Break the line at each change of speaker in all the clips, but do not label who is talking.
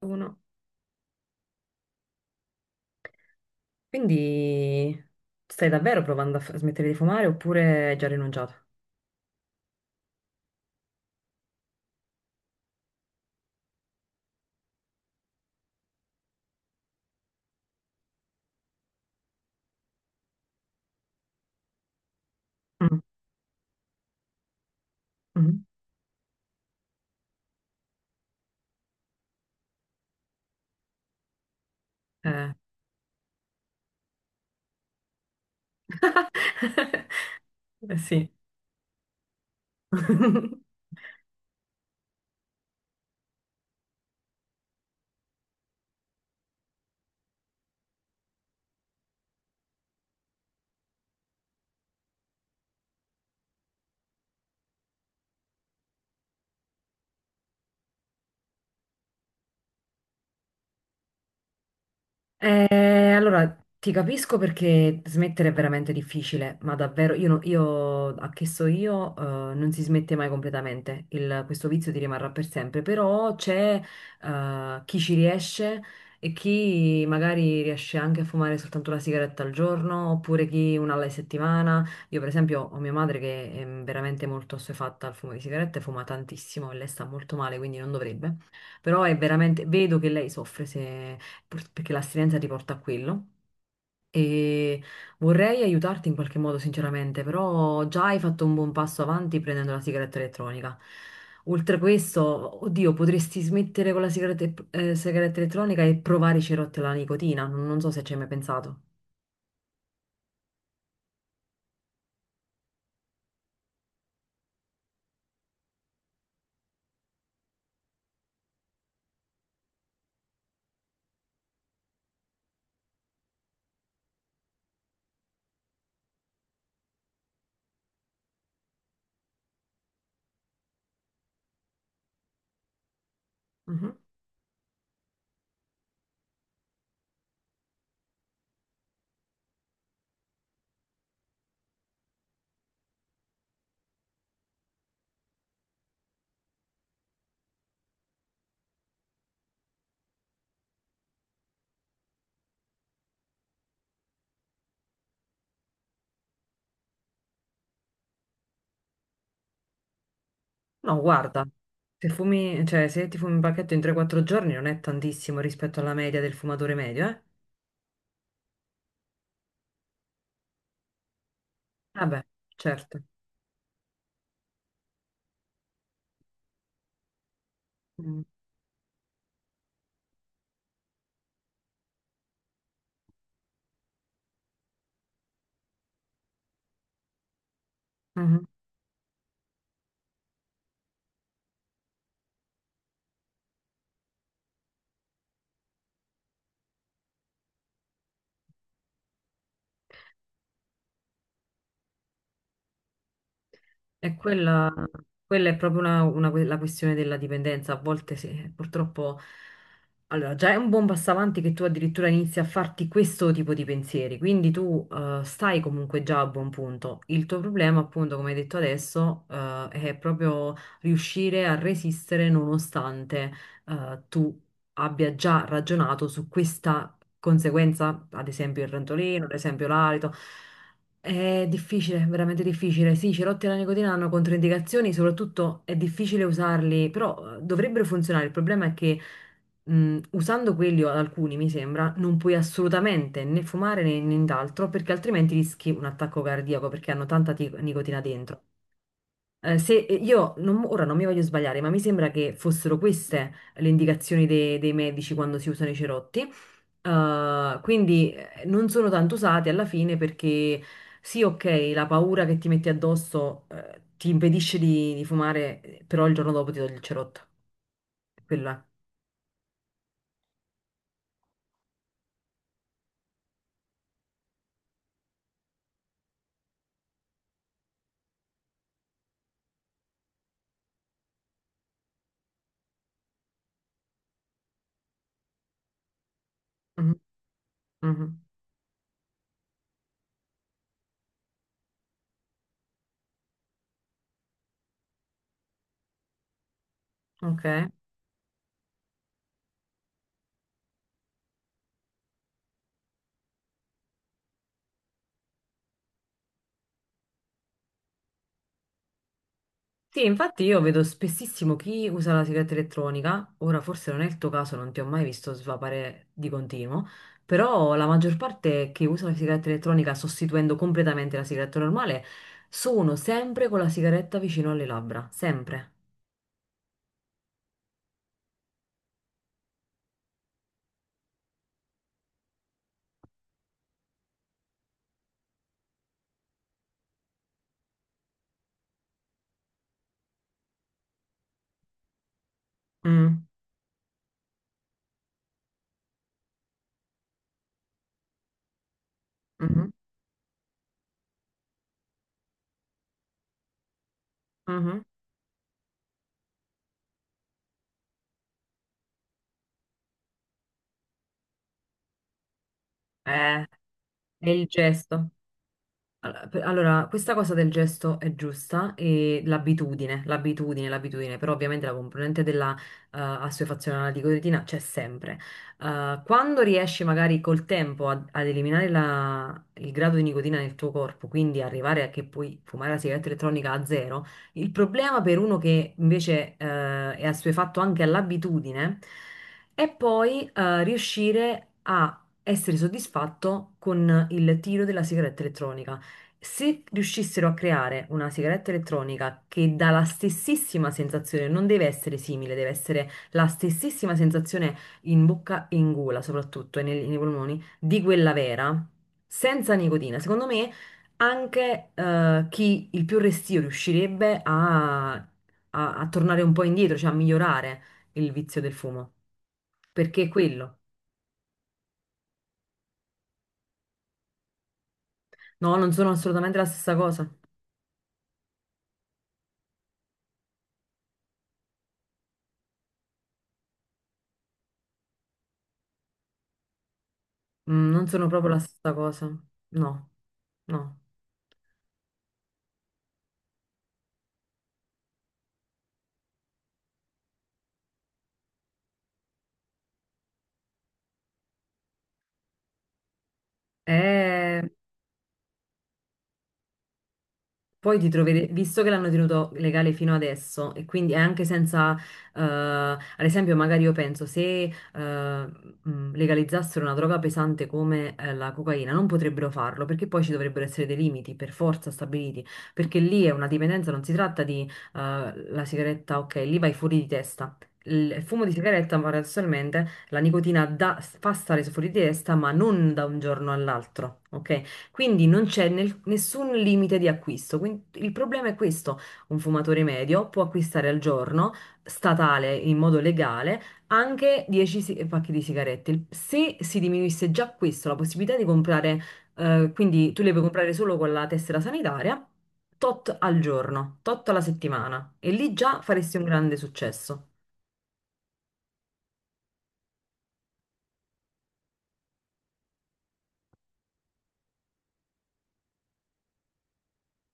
Uno. Quindi stai davvero provando a smettere di fumare oppure hai già rinunciato? Mm, mhm. Eh. Sì. Allora, ti capisco perché smettere è veramente difficile, ma davvero, io, io a che so io, non si smette mai completamente. Questo vizio ti rimarrà per sempre, però c'è chi ci riesce e chi magari riesce anche a fumare soltanto una sigaretta al giorno, oppure chi una alla settimana. Io per esempio ho mia madre che è veramente molto assuefatta al fumo di sigarette, fuma tantissimo e lei sta molto male, quindi non dovrebbe, però è veramente, vedo che lei soffre se perché l'astinenza ti porta a quello. E vorrei aiutarti in qualche modo, sinceramente, però già hai fatto un buon passo avanti prendendo la sigaretta elettronica. Oltre a questo, oddio, potresti smettere con la sigaretta, sigaretta elettronica e provare i cerotti alla nicotina. Non so se ci hai mai pensato. Mhm. No, guarda, se fumi, cioè, se ti fumi un pacchetto in 3-4 giorni non è tantissimo rispetto alla media del fumatore medio, eh? Vabbè, certo. Mm. Mhm. E quella, quella è proprio una, la questione della dipendenza. A volte sì, purtroppo. Allora, già è un buon passo avanti che tu addirittura inizi a farti questo tipo di pensieri, quindi tu stai comunque già a buon punto. Il tuo problema, appunto, come hai detto adesso, è proprio riuscire a resistere nonostante tu abbia già ragionato su questa conseguenza, ad esempio il rantolino, ad esempio l'alito. È difficile, veramente difficile. Sì, i cerotti alla nicotina hanno controindicazioni, soprattutto è difficile usarli, però dovrebbero funzionare. Il problema è che usando quelli o alcuni, mi sembra, non puoi assolutamente né fumare né nient'altro, perché altrimenti rischi un attacco cardiaco, perché hanno tanta nicotina dentro. Se io ora non mi voglio sbagliare, ma mi sembra che fossero queste le indicazioni dei medici quando si usano i cerotti. Quindi non sono tanto usati alla fine perché sì, ok, la paura che ti metti addosso, ti impedisce di fumare, però il giorno dopo ti togli il cerotto. Quella. Mhm, mhm. Ok. Sì, infatti io vedo spessissimo chi usa la sigaretta elettronica, ora forse non è il tuo caso, non ti ho mai visto svapare di continuo, però la maggior parte che usa la sigaretta elettronica sostituendo completamente la sigaretta normale sono sempre con la sigaretta vicino alle labbra, sempre. Mm, mhm, mhm. Eh, è il gesto. Allora, allora, questa cosa del gesto è giusta e l'abitudine, l'abitudine, l'abitudine, però ovviamente la componente della assuefazione alla nicotina c'è sempre. Quando riesci magari col tempo ad eliminare il grado di nicotina nel tuo corpo, quindi arrivare a che puoi fumare la sigaretta elettronica a zero, il problema per uno che invece è assuefatto anche all'abitudine è poi riuscire a essere soddisfatto con il tiro della sigaretta elettronica. Se riuscissero a creare una sigaretta elettronica che dà la stessissima sensazione, non deve essere simile, deve essere la stessissima sensazione in bocca e in gola, soprattutto e nei polmoni, di quella vera, senza nicotina, secondo me anche chi il più restio riuscirebbe a tornare un po' indietro, cioè a migliorare il vizio del fumo. Perché è quello. No, non sono assolutamente la stessa cosa. Mm, non sono proprio la stessa cosa. No, no. È... Poi ti troverete, visto che l'hanno tenuto legale fino adesso, e quindi è anche senza, ad esempio, magari io penso se legalizzassero una droga pesante come la cocaina, non potrebbero farlo perché poi ci dovrebbero essere dei limiti per forza stabiliti, perché lì è una dipendenza, non si tratta di la sigaretta, ok, lì vai fuori di testa. Il fumo di sigaretta, paradossalmente, la nicotina fa stare fuori di testa, ma non da un giorno all'altro, ok? Quindi non c'è nessun limite di acquisto. Quindi il problema è questo: un fumatore medio può acquistare al giorno, statale in modo legale, anche 10 pacchi di sigarette. Se si diminuisse già questo, la possibilità di comprare, quindi tu le puoi comprare solo con la tessera sanitaria, tot al giorno, tot alla settimana, e lì già faresti un grande successo.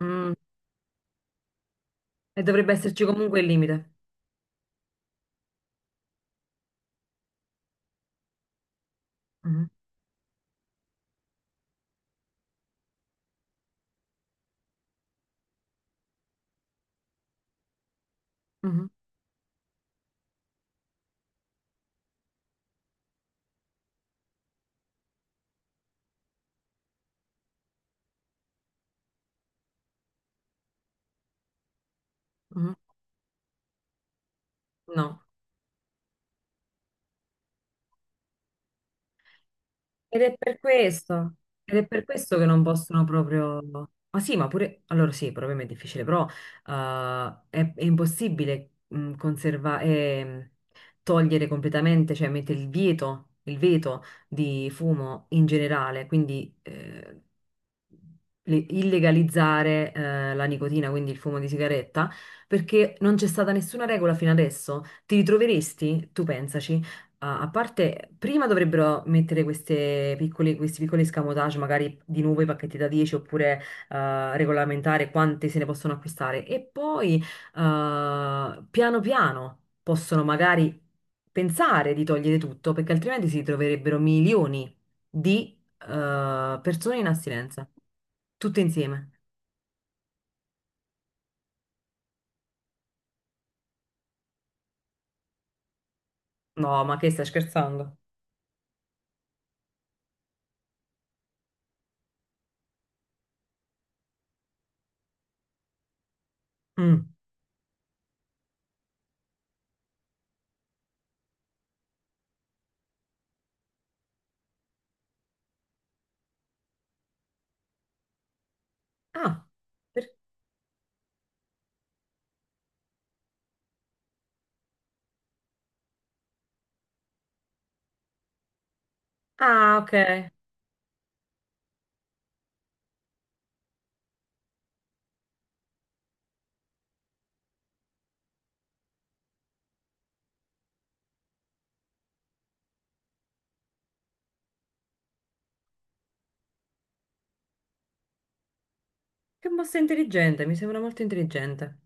Mm, e dovrebbe esserci comunque il limite. Mhm, mhm, mhm. No. Ed è per questo, ed è per questo che non possono proprio... Ma sì, ma pure... Allora sì, probabilmente è difficile, però è impossibile conservare, togliere completamente, cioè mettere il vieto, il veto di fumo in generale, quindi illegalizzare la nicotina, quindi il fumo di sigaretta, perché non c'è stata nessuna regola fino adesso. Ti ritroveresti, tu pensaci a a parte, prima dovrebbero mettere queste piccole, questi piccoli escamotage, magari di nuovo i pacchetti da 10 oppure regolamentare quanti se ne possono acquistare e poi piano piano possono magari pensare di togliere tutto perché altrimenti si troverebbero milioni di persone in astinenza, tutte insieme. No, ma che stai scherzando? Mm. Ah, per- ah, ok. Che mossa intelligente, mi sembra molto intelligente.